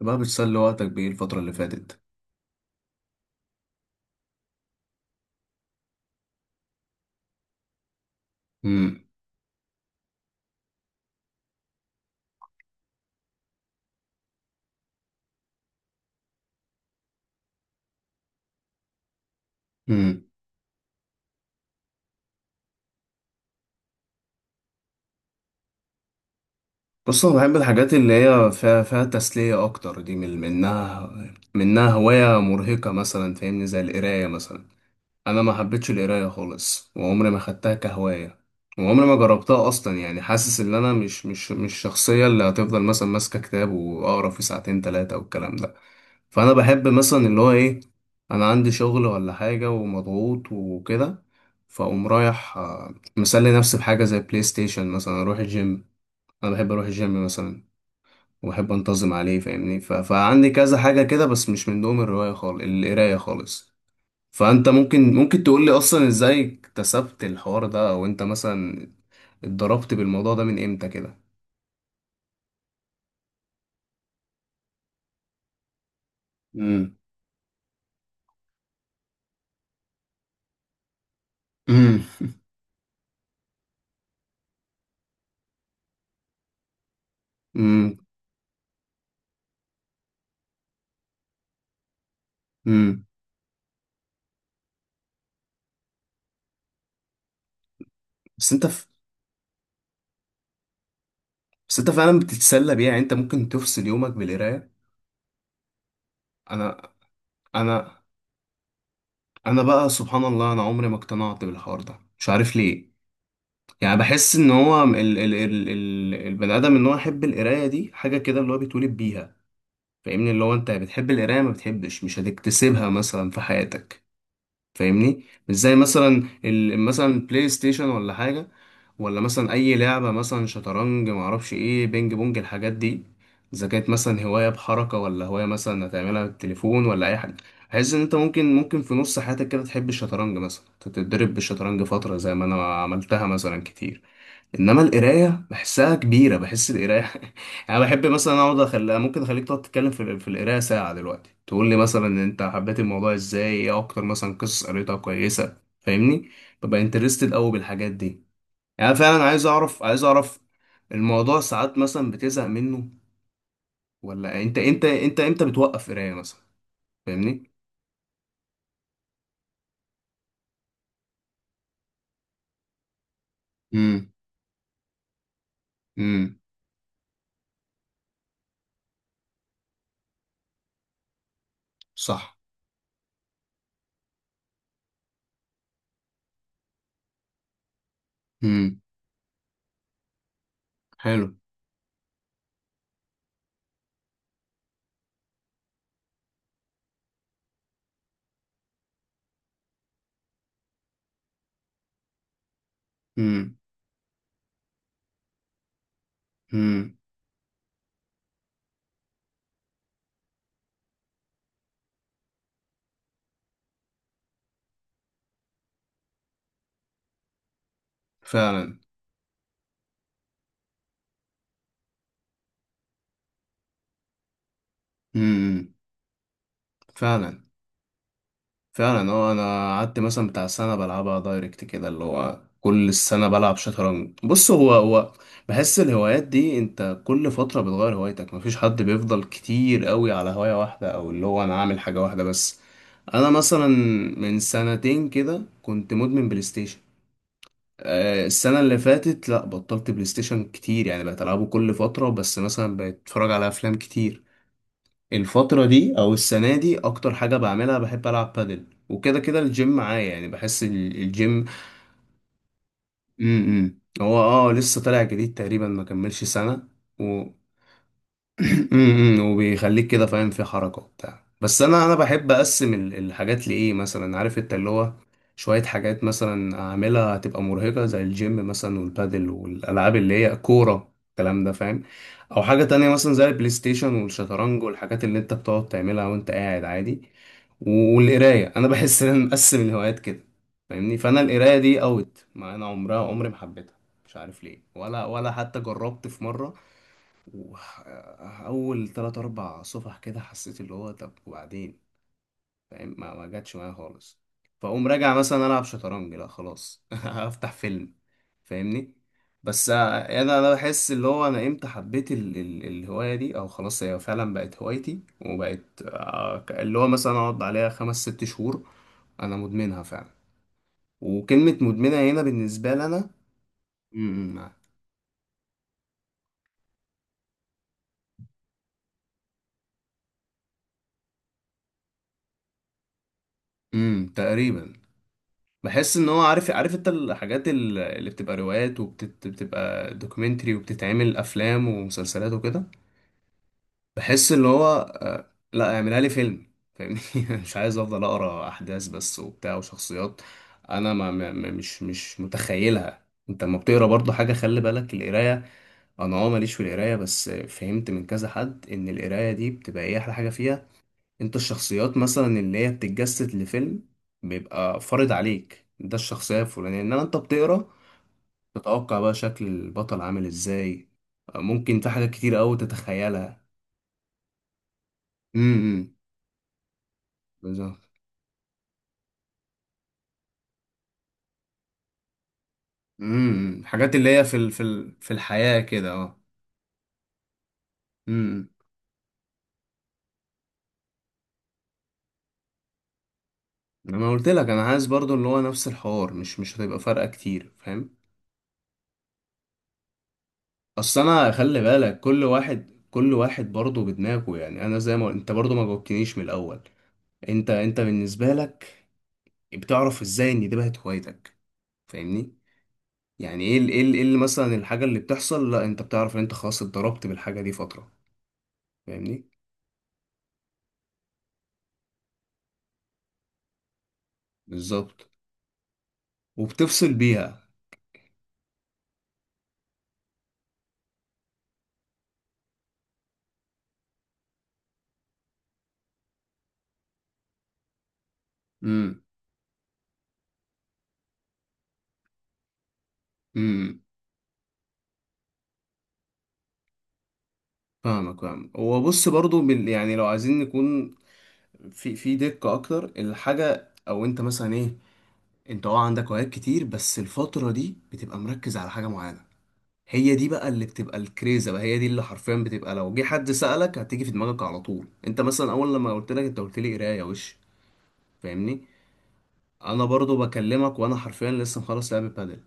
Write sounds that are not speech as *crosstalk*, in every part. بقى بتسلي وقتك بإيه الفترة اللي فاتت؟ امم امم بص، أنا بحب الحاجات اللي هي فيها تسلية أكتر. دي من منها هواية مرهقة مثلا، فاهمني، زي القراية مثلا. أنا ما حبيتش القراية خالص وعمري ما خدتها كهواية، وعمري ما جربتها أصلا. يعني حاسس إن أنا مش الشخصية اللي هتفضل مثلا ماسكة كتاب وأقرأ فيه ساعتين تلاتة والكلام ده. فانا بحب مثلا اللي هو ايه، انا عندي شغل ولا حاجه ومضغوط وكده، فاقوم رايح، آه، مسلي نفسي بحاجه زي بلاي ستيشن مثلا، اروح الجيم. انا بحب اروح الجيم مثلا وبحب انتظم عليه، فاهمني. فعندي كذا حاجه كده، بس مش من دوم الروايه خالص، القرايه خالص. فانت ممكن تقول لي اصلا ازاي اكتسبت الحوار ده، او انت مثلا اتضربت بالموضوع ده من امتى كده. امم امم امم امم بس انت بس انت فعلا بتتسلى بيها؟ يعني انت ممكن تفصل يومك بالقرايه؟ انا انا انا بقى سبحان الله، انا عمري ما اقتنعت بالحوار ده، مش عارف ليه. يعني بحس ان هو ال ال ال ال البني ادم ان هو يحب القرايه دي حاجه كده اللي هو بيتولد بيها. فاهمني، اللي هو انت بتحب القرايه، ما بتحبش، مش هتكتسبها مثلا في حياتك. فاهمني، مش زي مثلا مثلا بلاي ستيشن ولا حاجه، ولا مثلا اي لعبه، مثلا شطرنج، ما اعرفش ايه، بينج بونج، الحاجات دي. اذا كانت مثلا هوايه بحركه ولا هوايه مثلا هتعملها بالتليفون ولا اي حاجه، بحيث ان انت ممكن في نص حياتك كده تحب الشطرنج مثلا، تتدرب بالشطرنج فتره زي ما انا عملتها مثلا كتير. انما القرايه بحسها كبيره، بحس القرايه *laughs* يعني بحب مثلا اقعد اخليها، ممكن اخليك تقعد تتكلم في القرايه ساعه دلوقتي، تقول لي مثلا إن انت حبيت الموضوع ازاي، ايه اكتر مثلا قصص قريتها كويسه، فاهمني. ببقى انترستد قوي بالحاجات دي. يعني فعلا عايز اعرف، عايز اعرف. الموضوع ساعات مثلا بتزهق منه؟ ولا انت امتى بتوقف قرايه مثلا؟ فاهمني. امم امم صح. امم حلو. امم امم فعلا. امم فعلا، فعلا اه. انا قعدت مثلا بتاع سنه بلعبها دايركت كده، اللي هو كل السنه بلعب شطرنج. بص هو بحس الهوايات دي انت كل فتره بتغير هوايتك، مفيش حد بيفضل كتير قوي على هوايه واحده، او اللي هو انا عامل حاجه واحده بس. انا مثلا من سنتين كده كنت مدمن بلاي ستيشن. آه، السنه اللي فاتت لا، بطلت بلاي ستيشن كتير، يعني بقيت العبه كل فتره بس، مثلا بقيت اتفرج على افلام كتير. الفترة دي أو السنة دي أكتر حاجة بعملها بحب ألعب بادل، وكده كده الجيم معايا، يعني بحس الجيم. م -م. هو اه لسه طالع جديد تقريبا، ما كملش سنة. وبيخليك كده فاهم في حركة وبتاع. بس انا بحب اقسم الحاجات لايه، مثلا عارف انت اللي هو، شوية حاجات مثلا اعملها هتبقى مرهقة زي الجيم مثلا والبادل والالعاب اللي هي كورة، الكلام ده، فاهم. او حاجة تانية مثلا زي البلاي ستيشن والشطرنج والحاجات اللي انت بتقعد تعملها وانت قاعد عادي. والقراية، انا بحس ان انا مقسم الهوايات كده، فاهمني. فانا القراية دي اوت، ما انا عمرها، عمري ما حبيتها، مش عارف ليه، ولا حتى جربت في مرة. وح- اول 3 أو 4 صفح كده حسيت اللي هو طب وبعدين، فاهم، ما جاتش معايا خالص. فاقوم راجع مثلا العب شطرنج، لا خلاص *laughs* افتح فيلم، فاهمني. بس آه، انا بحس اللي هو، انا امتى حبيت ال ال الهوايه دي، او خلاص هي فعلا بقت هوايتي وبقت آه، اللي هو مثلا اقعد عليها 5 أو 6 شهور. انا مدمنها فعلا، وكلمه مدمنه هنا بالنسبه لي انا. تقريبا. بحس ان هو عارف انت الحاجات اللي بتبقى روايات وبتبقى دوكيومنتري وبتتعمل افلام ومسلسلات وكده، بحس ان هو آه، لا اعملها لي فيلم، فاهمني *laughs* مش عايز افضل اقرا احداث بس وبتاع وشخصيات. انا مش متخيلها، انت لما بتقرا برضه حاجه خلي بالك القرايه. انا اه ماليش في القرايه، بس فهمت من كذا حد ان القرايه دي بتبقى ايه احلى حاجه فيها، انت الشخصيات مثلا اللي هي بتتجسد لفيلم بيبقى فارض عليك ده الشخصية الفلانية، انما انت بتقرا، تتوقع بقى شكل البطل عامل ازاي، ممكن في حاجات كتير قوي تتخيلها. امم بالظبط. حاجات اللي هي في في الحياة كده اه. امم انا قلت لك انا عايز برضو اللي هو نفس الحوار، مش هتبقى فارقة كتير، فاهم. اصل انا خلي بالك كل واحد برضو بدماغه، يعني انا زي ما انت برضو ما جاوبتنيش من الاول. انت بالنسبه لك بتعرف ازاي ان دي بقت هوايتك؟ فاهمني، يعني ايه إيه اللي مثلا الحاجه اللي بتحصل لا انت بتعرف ان انت خلاص اتضربت بالحاجه دي فتره؟ فاهمني. بالظبط، وبتفصل بيها. امم امم فاهمك، فاهم. هو بص برضو بال يعني لو عايزين نكون في دقه اكتر، الحاجه او انت مثلا ايه، انت اه عندك هوايات كتير بس الفتره دي بتبقى مركز على حاجه معينه، هي دي بقى اللي بتبقى الكريزه بقى، هي دي اللي حرفيا بتبقى لو جه حد سألك هتيجي في دماغك على طول. انت مثلا اول لما قلت لك، انت قلت لي قرايه وش، فاهمني. انا برضو بكلمك وانا حرفيا لسه مخلص لعب بادل،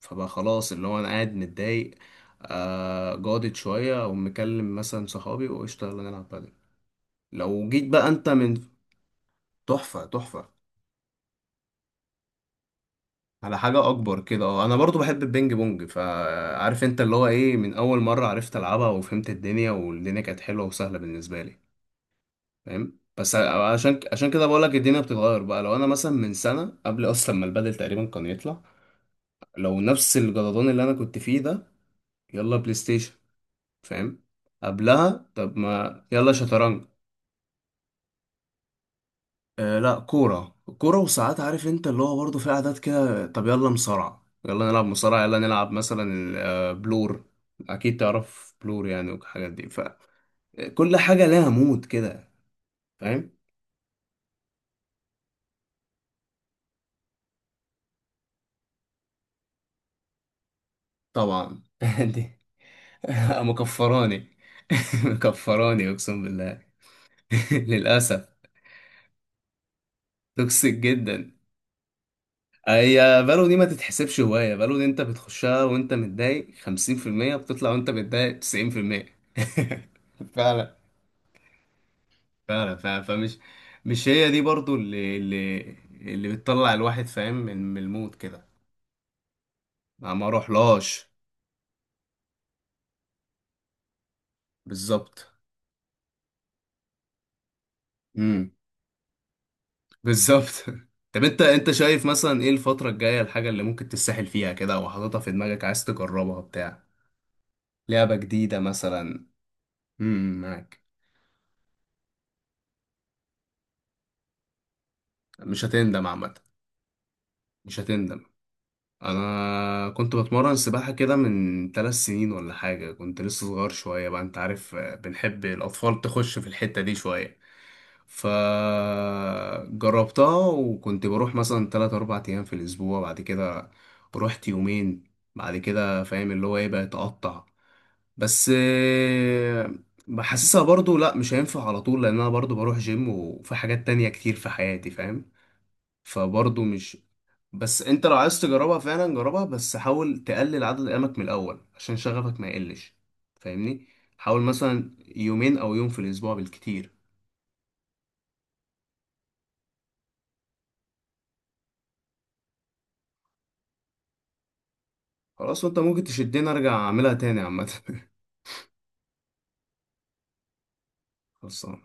فبقى خلاص اللي هو انا قاعد متضايق آه جادت شويه، او مكلم مثلا صحابي وقشطه يلا نلعب بادل. لو جيت بقى انت من، تحفه تحفه. على حاجه اكبر كده اه، انا برضو بحب البينج بونج، فعارف انت اللي هو ايه، من اول مره عرفت العبها وفهمت الدنيا والدنيا كانت حلوه وسهله بالنسبه لي، فاهم. بس عشان كده بقول لك الدنيا بتتغير بقى، لو انا مثلا من سنه قبل اصلا ما البدل تقريبا كان يطلع، لو نفس الجدضان اللي انا كنت فيه ده، يلا بلاي ستيشن، فاهم، قبلها طب ما يلا شطرنج. آه لا، كوره كوره، وساعات عارف انت اللي هو برضه في عادات كده، طب يلا مصارعه يلا نلعب مصارعه، يلا نلعب مثلا آه، بلور، اكيد تعرف بلور يعني، والحاجات دي. فكل حاجه لها مود كده، فاهم. طبعا. *laughs* *laughs* مكفراني *laughs* مكفراني اقسم بالله. *laughs* للاسف، توكسيك جدا. هي بالو دي ما تتحسبش هوايه، بالو دي انت بتخشها وانت متضايق 50%، بتطلع وانت متضايق 90%. *laughs* فعلا، فعلا، فعلا، فمش، مش هي دي برضو اللي اللي بتطلع الواحد فاهم من المود كده. ما اروحلهاش. بالظبط، بالظبط. *laughs* طب انت شايف مثلا ايه الفترة الجاية الحاجة اللي ممكن تتسحل فيها كده، او حاططها في دماغك عايز تجربها بتاع لعبة جديدة مثلا؟ معاك. مش هتندم عامة، مش هتندم. انا كنت بتمرن سباحة كده من 3 سنين ولا حاجة، كنت لسه صغير شوية بقى، انت عارف آه، بنحب الاطفال تخش في الحتة دي شوية. فجربتها وكنت بروح مثلا 3 أو 4 أيام في الأسبوع. بعد كده رحت يومين، بعد كده فاهم اللي هو ايه بقى يتقطع. بس آه، بحسسها برضو لا مش هينفع على طول، لان انا برضو بروح جيم وفي حاجات تانية كتير في حياتي فاهم، فبرضو مش. بس انت لو عايز تجربها فعلا جربها، بس حاول تقلل عدد ايامك من الاول عشان شغفك ما يقلش، فاهمني. حاول مثلا يومين او يوم في الاسبوع بالكتير. خلاص، وانت ممكن تشدني ارجع اعملها تاني عامه *laughs* خلصان.